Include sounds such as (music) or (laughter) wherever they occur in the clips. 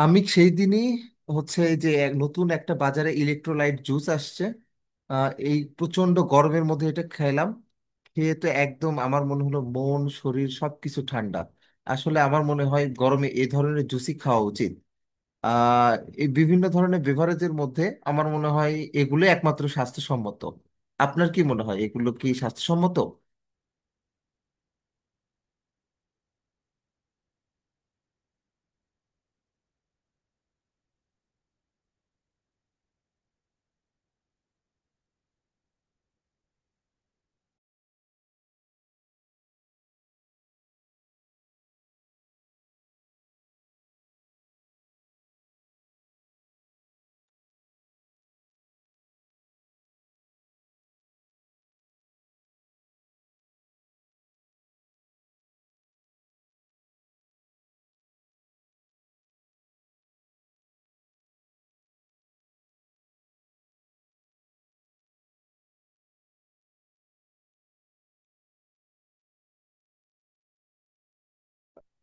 আমি সেই দিনই হচ্ছে যে এক নতুন একটা বাজারে ইলেকট্রোলাইট জুস আসছে। এই প্রচন্ড গরমের মধ্যে এটা খেলাম, খেয়ে তো একদম আমার মনে হলো মন শরীর সবকিছু ঠান্ডা। আসলে আমার মনে হয় গরমে এই ধরনের জুসই খাওয়া উচিত। আহ এই বিভিন্ন ধরনের বেভারেজের মধ্যে আমার মনে হয় এগুলো একমাত্র স্বাস্থ্যসম্মত। আপনার কি মনে হয় এগুলো কি স্বাস্থ্যসম্মত?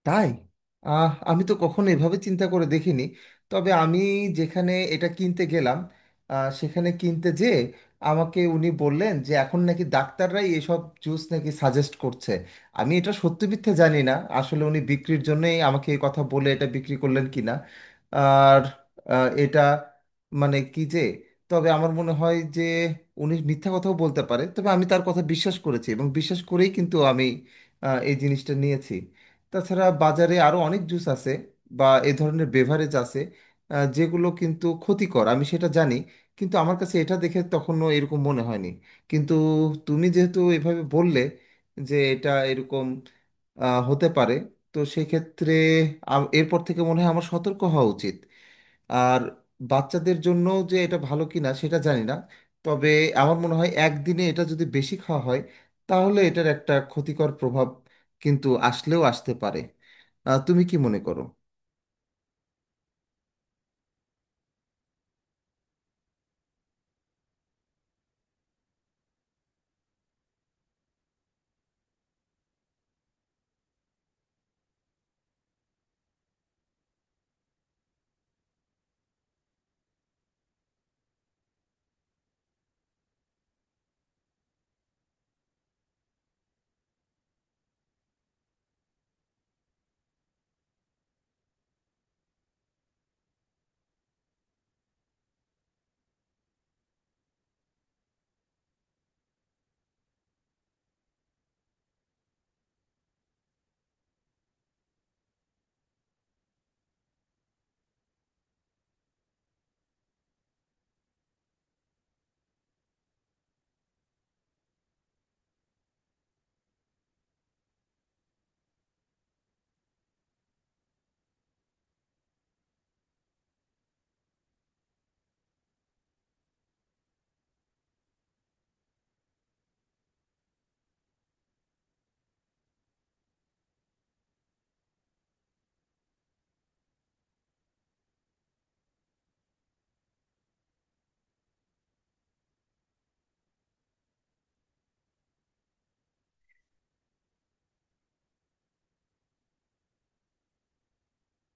তাই? আমি তো কখনো এভাবে চিন্তা করে দেখিনি। তবে আমি যেখানে এটা কিনতে গেলাম, সেখানে কিনতে যেয়ে আমাকে উনি বললেন যে এখন নাকি ডাক্তাররাই এসব জুস নাকি সাজেস্ট করছে। আমি এটা সত্যি মিথ্যে জানি না, আসলে উনি বিক্রির জন্যই আমাকে এই কথা বলে এটা বিক্রি করলেন কিনা। আর এটা মানে কি যে, তবে আমার মনে হয় যে উনি মিথ্যা কথাও বলতে পারে, তবে আমি তার কথা বিশ্বাস করেছি এবং বিশ্বাস করেই কিন্তু আমি এই জিনিসটা নিয়েছি। তাছাড়া বাজারে আরো অনেক জুস আছে বা এ ধরনের বেভারেজ আছে, যেগুলো কিন্তু ক্ষতিকর আমি সেটা জানি। কিন্তু আমার কাছে এটা দেখে তখনও এরকম মনে হয়নি। কিন্তু তুমি যেহেতু এভাবে বললে যে এটা এরকম হতে পারে, তো সেক্ষেত্রে এরপর থেকে মনে হয় আমার সতর্ক হওয়া উচিত। আর বাচ্চাদের জন্য যে এটা ভালো কিনা সেটা জানি না, তবে আমার মনে হয় একদিনে এটা যদি বেশি খাওয়া হয় তাহলে এটার একটা ক্ষতিকর প্রভাব কিন্তু আসলেও আসতে পারে। তুমি কি মনে করো?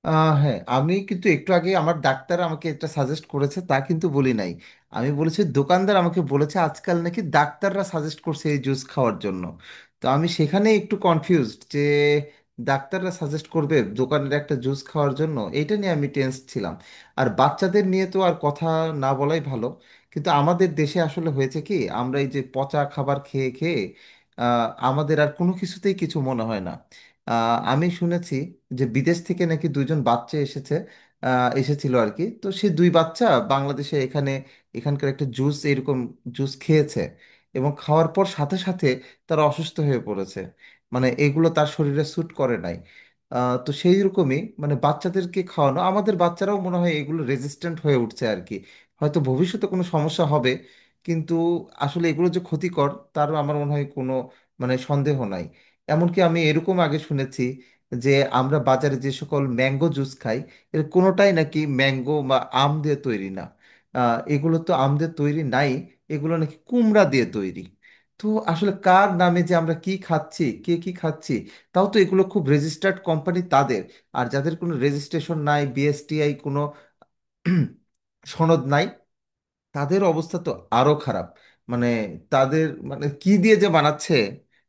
হ্যাঁ, আমি কিন্তু একটু আগে আমার ডাক্তার আমাকে এটা সাজেস্ট করেছে তা কিন্তু বলি নাই। আমি বলেছি দোকানদার আমাকে বলেছে আজকাল নাকি ডাক্তাররা সাজেস্ট করছে এই জুস খাওয়ার জন্য। তো আমি সেখানে একটু কনফিউজড যে ডাক্তাররা সাজেস্ট করবে দোকানের একটা জুস খাওয়ার জন্য, এইটা নিয়ে আমি টেন্স ছিলাম। আর বাচ্চাদের নিয়ে তো আর কথা না বলাই ভালো। কিন্তু আমাদের দেশে আসলে হয়েছে কি, আমরা এই যে পচা খাবার খেয়ে খেয়ে আমাদের আর কোনো কিছুতেই কিছু মনে হয় না। আমি শুনেছি যে বিদেশ থেকে নাকি দুইজন বাচ্চা এসেছে, এসেছিল আর কি, তো সেই দুই বাচ্চা বাংলাদেশে এখানে এখানকার একটা জুস এরকম জুস খেয়েছে এবং খাওয়ার পর সাথে সাথে তারা অসুস্থ হয়ে পড়েছে। মানে এগুলো তার শরীরে স্যুট করে নাই। তো সেই রকমই মানে বাচ্চাদেরকে খাওয়ানো আমাদের বাচ্চারাও মনে হয় এগুলো রেজিস্ট্যান্ট হয়ে উঠছে আর কি। হয়তো ভবিষ্যতে কোনো সমস্যা হবে। কিন্তু আসলে এগুলো যে ক্ষতিকর তারও আমার মনে হয় কোনো মানে সন্দেহ নাই। এমনকি আমি এরকম আগে শুনেছি যে আমরা বাজারে যে সকল ম্যাঙ্গো জুস খাই এর কোনোটাই নাকি ম্যাঙ্গো বা আম দিয়ে তৈরি না। এগুলো তো আম দিয়ে তৈরি নাই, এগুলো নাকি কুমড়া দিয়ে তৈরি। তো আসলে কার নামে যে আমরা কি খাচ্ছি কে কি খাচ্ছি। তাও তো এগুলো খুব রেজিস্টার্ড কোম্পানি তাদের, আর যাদের কোনো রেজিস্ট্রেশন নাই, বিএসটিআই কোনো (clears throat) সনদ নাই, তাদের অবস্থা তো আরো খারাপ। মানে তাদের মানে কি দিয়ে যে বানাচ্ছে।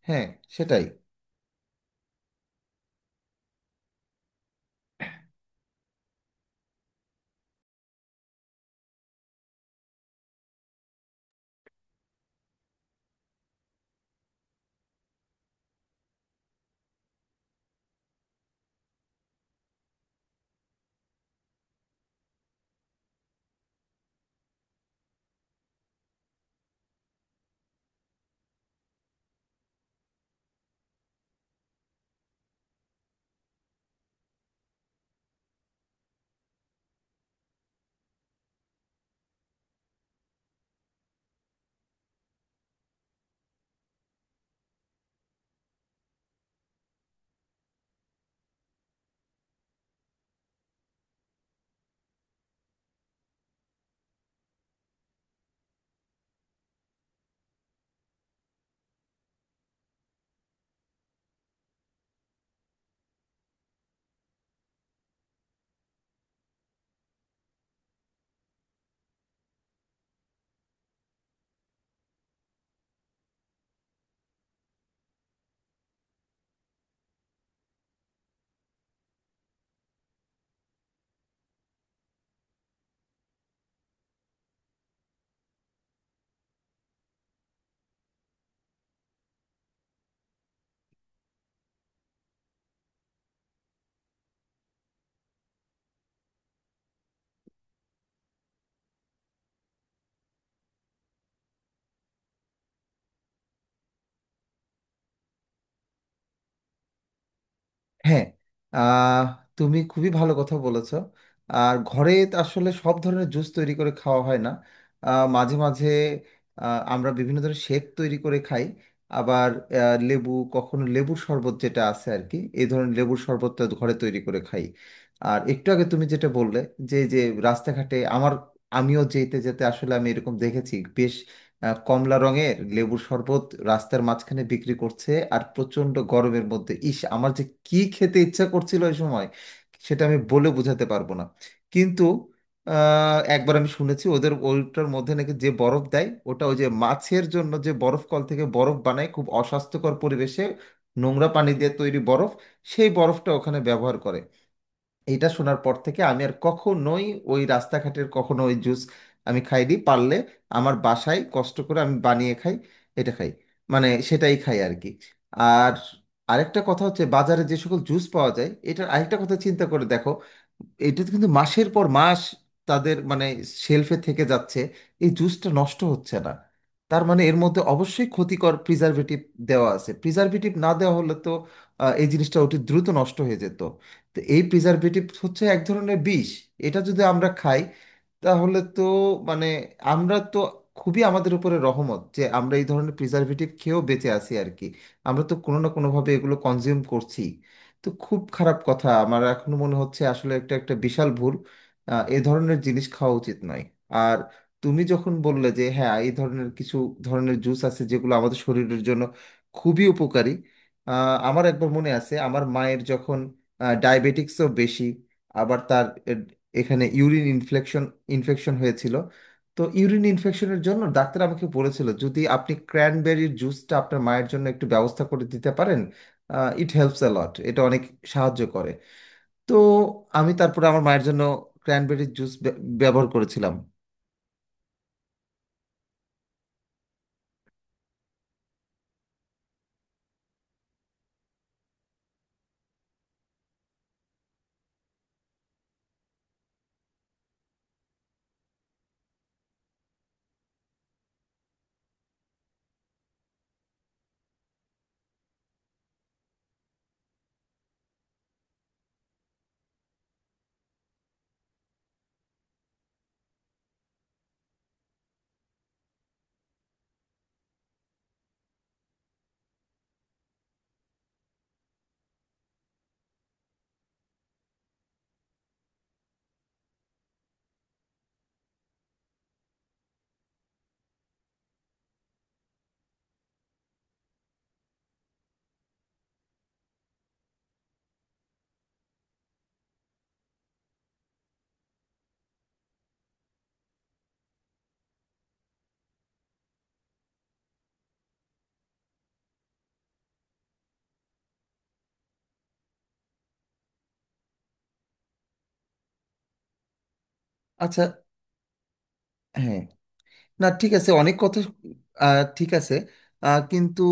হ্যাঁ, সেটাই। হ্যাঁ, আহ, তুমি খুবই ভালো কথা বলেছো। আর ঘরে তো আসলে সব ধরনের জুস তৈরি করে খাওয়া হয় না। মাঝে মাঝে আমরা বিভিন্ন ধরনের শেক তৈরি করে খাই। আবার লেবু কখনো লেবুর শরবত যেটা আছে আর কি, এই ধরনের লেবুর শরবতটা ঘরে তৈরি করে খাই। আর একটু আগে তুমি যেটা বললে যে যে রাস্তাঘাটে আমার, আমিও যেতে যেতে আসলে আমি এরকম দেখেছি বেশ, কমলা রঙের লেবুর শরবত রাস্তার মাঝখানে বিক্রি করছে। আর প্রচণ্ড গরমের মধ্যে ইস আমার যে কি খেতে ইচ্ছা করছিল ওই সময়, সেটা আমি বলে বোঝাতে পারবো না। কিন্তু একবার আমি শুনেছি ওদের ওইটার মধ্যে নাকি যে বরফ দেয় ওটা ওই যে মাছের জন্য যে বরফ কল থেকে বরফ বানায় খুব অস্বাস্থ্যকর পরিবেশে, নোংরা পানি দিয়ে তৈরি বরফ, সেই বরফটা ওখানে ব্যবহার করে। এইটা শোনার পর থেকে আমি আর কখনোই ওই রাস্তাঘাটের কখনো ওই জুস আমি খাইনি। পারলে আমার বাসায় কষ্ট করে আমি বানিয়ে খাই, এটা খাই, মানে সেটাই খাই আর কি। আর আরেকটা কথা হচ্ছে বাজারে যে সকল জুস পাওয়া যায় এটার আরেকটা কথা চিন্তা করে দেখো, এটা কিন্তু মাসের পর মাস তাদের মানে শেলফে থেকে যাচ্ছে, এই জুসটা নষ্ট হচ্ছে না। তার মানে এর মধ্যে অবশ্যই ক্ষতিকর প্রিজারভেটিভ দেওয়া আছে, প্রিজারভেটিভ না দেওয়া হলে তো এই জিনিসটা অতি দ্রুত নষ্ট হয়ে যেত। তো এই প্রিজারভেটিভ হচ্ছে এক ধরনের বিষ। এটা যদি আমরা খাই তাহলে তো, মানে আমরা তো খুবই আমাদের উপরে রহমত যে আমরা এই ধরনের প্রিজারভেটিভ খেয়েও বেঁচে আছি আর কি। আমরা তো কোনো না কোনোভাবে এগুলো কনজিউম করছি। তো খুব খারাপ কথা, আমার এখনো মনে হচ্ছে আসলে একটা একটা বিশাল ভুল, এ ধরনের জিনিস খাওয়া উচিত নয়। আর তুমি যখন বললে যে হ্যাঁ এই ধরনের কিছু ধরনের জুস আছে যেগুলো আমাদের শরীরের জন্য খুবই উপকারী, আমার একবার মনে আছে আমার মায়ের যখন ডায়াবেটিক্সও বেশি, আবার তার এখানে ইউরিন ইনফেকশন ইনফেকশন হয়েছিল। তো ইউরিন ইনফেকশনের জন্য ডাক্তার আমাকে বলেছিল যদি আপনি ক্র্যানবেরির জুসটা আপনার মায়ের জন্য একটু ব্যবস্থা করে দিতে পারেন, ইট হেল্পস অ্যালট, এটা অনেক সাহায্য করে। তো আমি তারপরে আমার মায়ের জন্য ক্র্যানবেরির জুস ব্যবহার করেছিলাম। আচ্ছা। হ্যাঁ। না ঠিক আছে, অনেক কথা, ঠিক আছে। কিন্তু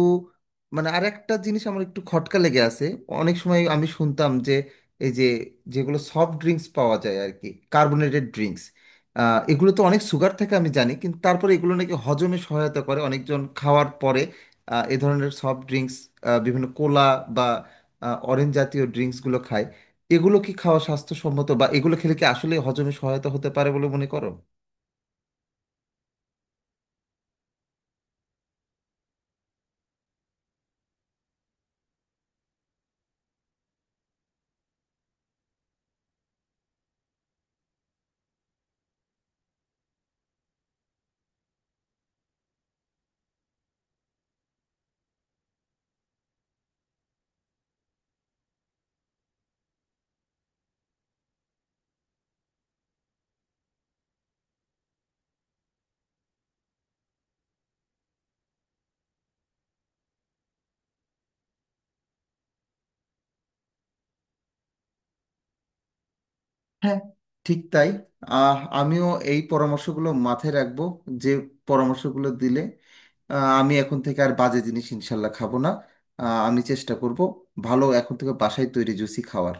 মানে আর একটা জিনিস আমার একটু খটকা লেগে আছে। অনেক সময় আমি শুনতাম যে এই যে যেগুলো সফট ড্রিঙ্কস পাওয়া যায় আর কি, কার্বোনেটেড ড্রিঙ্কস, এগুলো তো অনেক সুগার থাকে আমি জানি, কিন্তু তারপরে এগুলো নাকি হজমে সহায়তা করে, অনেকজন খাওয়ার পরে এ ধরনের সফট ড্রিঙ্কস, বিভিন্ন কোলা বা অরেঞ্জ জাতীয় ড্রিঙ্কসগুলো খায়। এগুলো কি খাওয়া স্বাস্থ্যসম্মত, বা এগুলো খেলে কি আসলে হজমে সহায়তা হতে পারে বলে মনে করো? হ্যাঁ, ঠিক তাই। আমিও এই পরামর্শগুলো মাথায় রাখবো, যে পরামর্শগুলো দিলে। আমি এখন থেকে আর বাজে জিনিস ইনশাল্লাহ খাবো না। আমি চেষ্টা করব ভালো এখন থেকে বাসায় তৈরি জুসি খাওয়ার।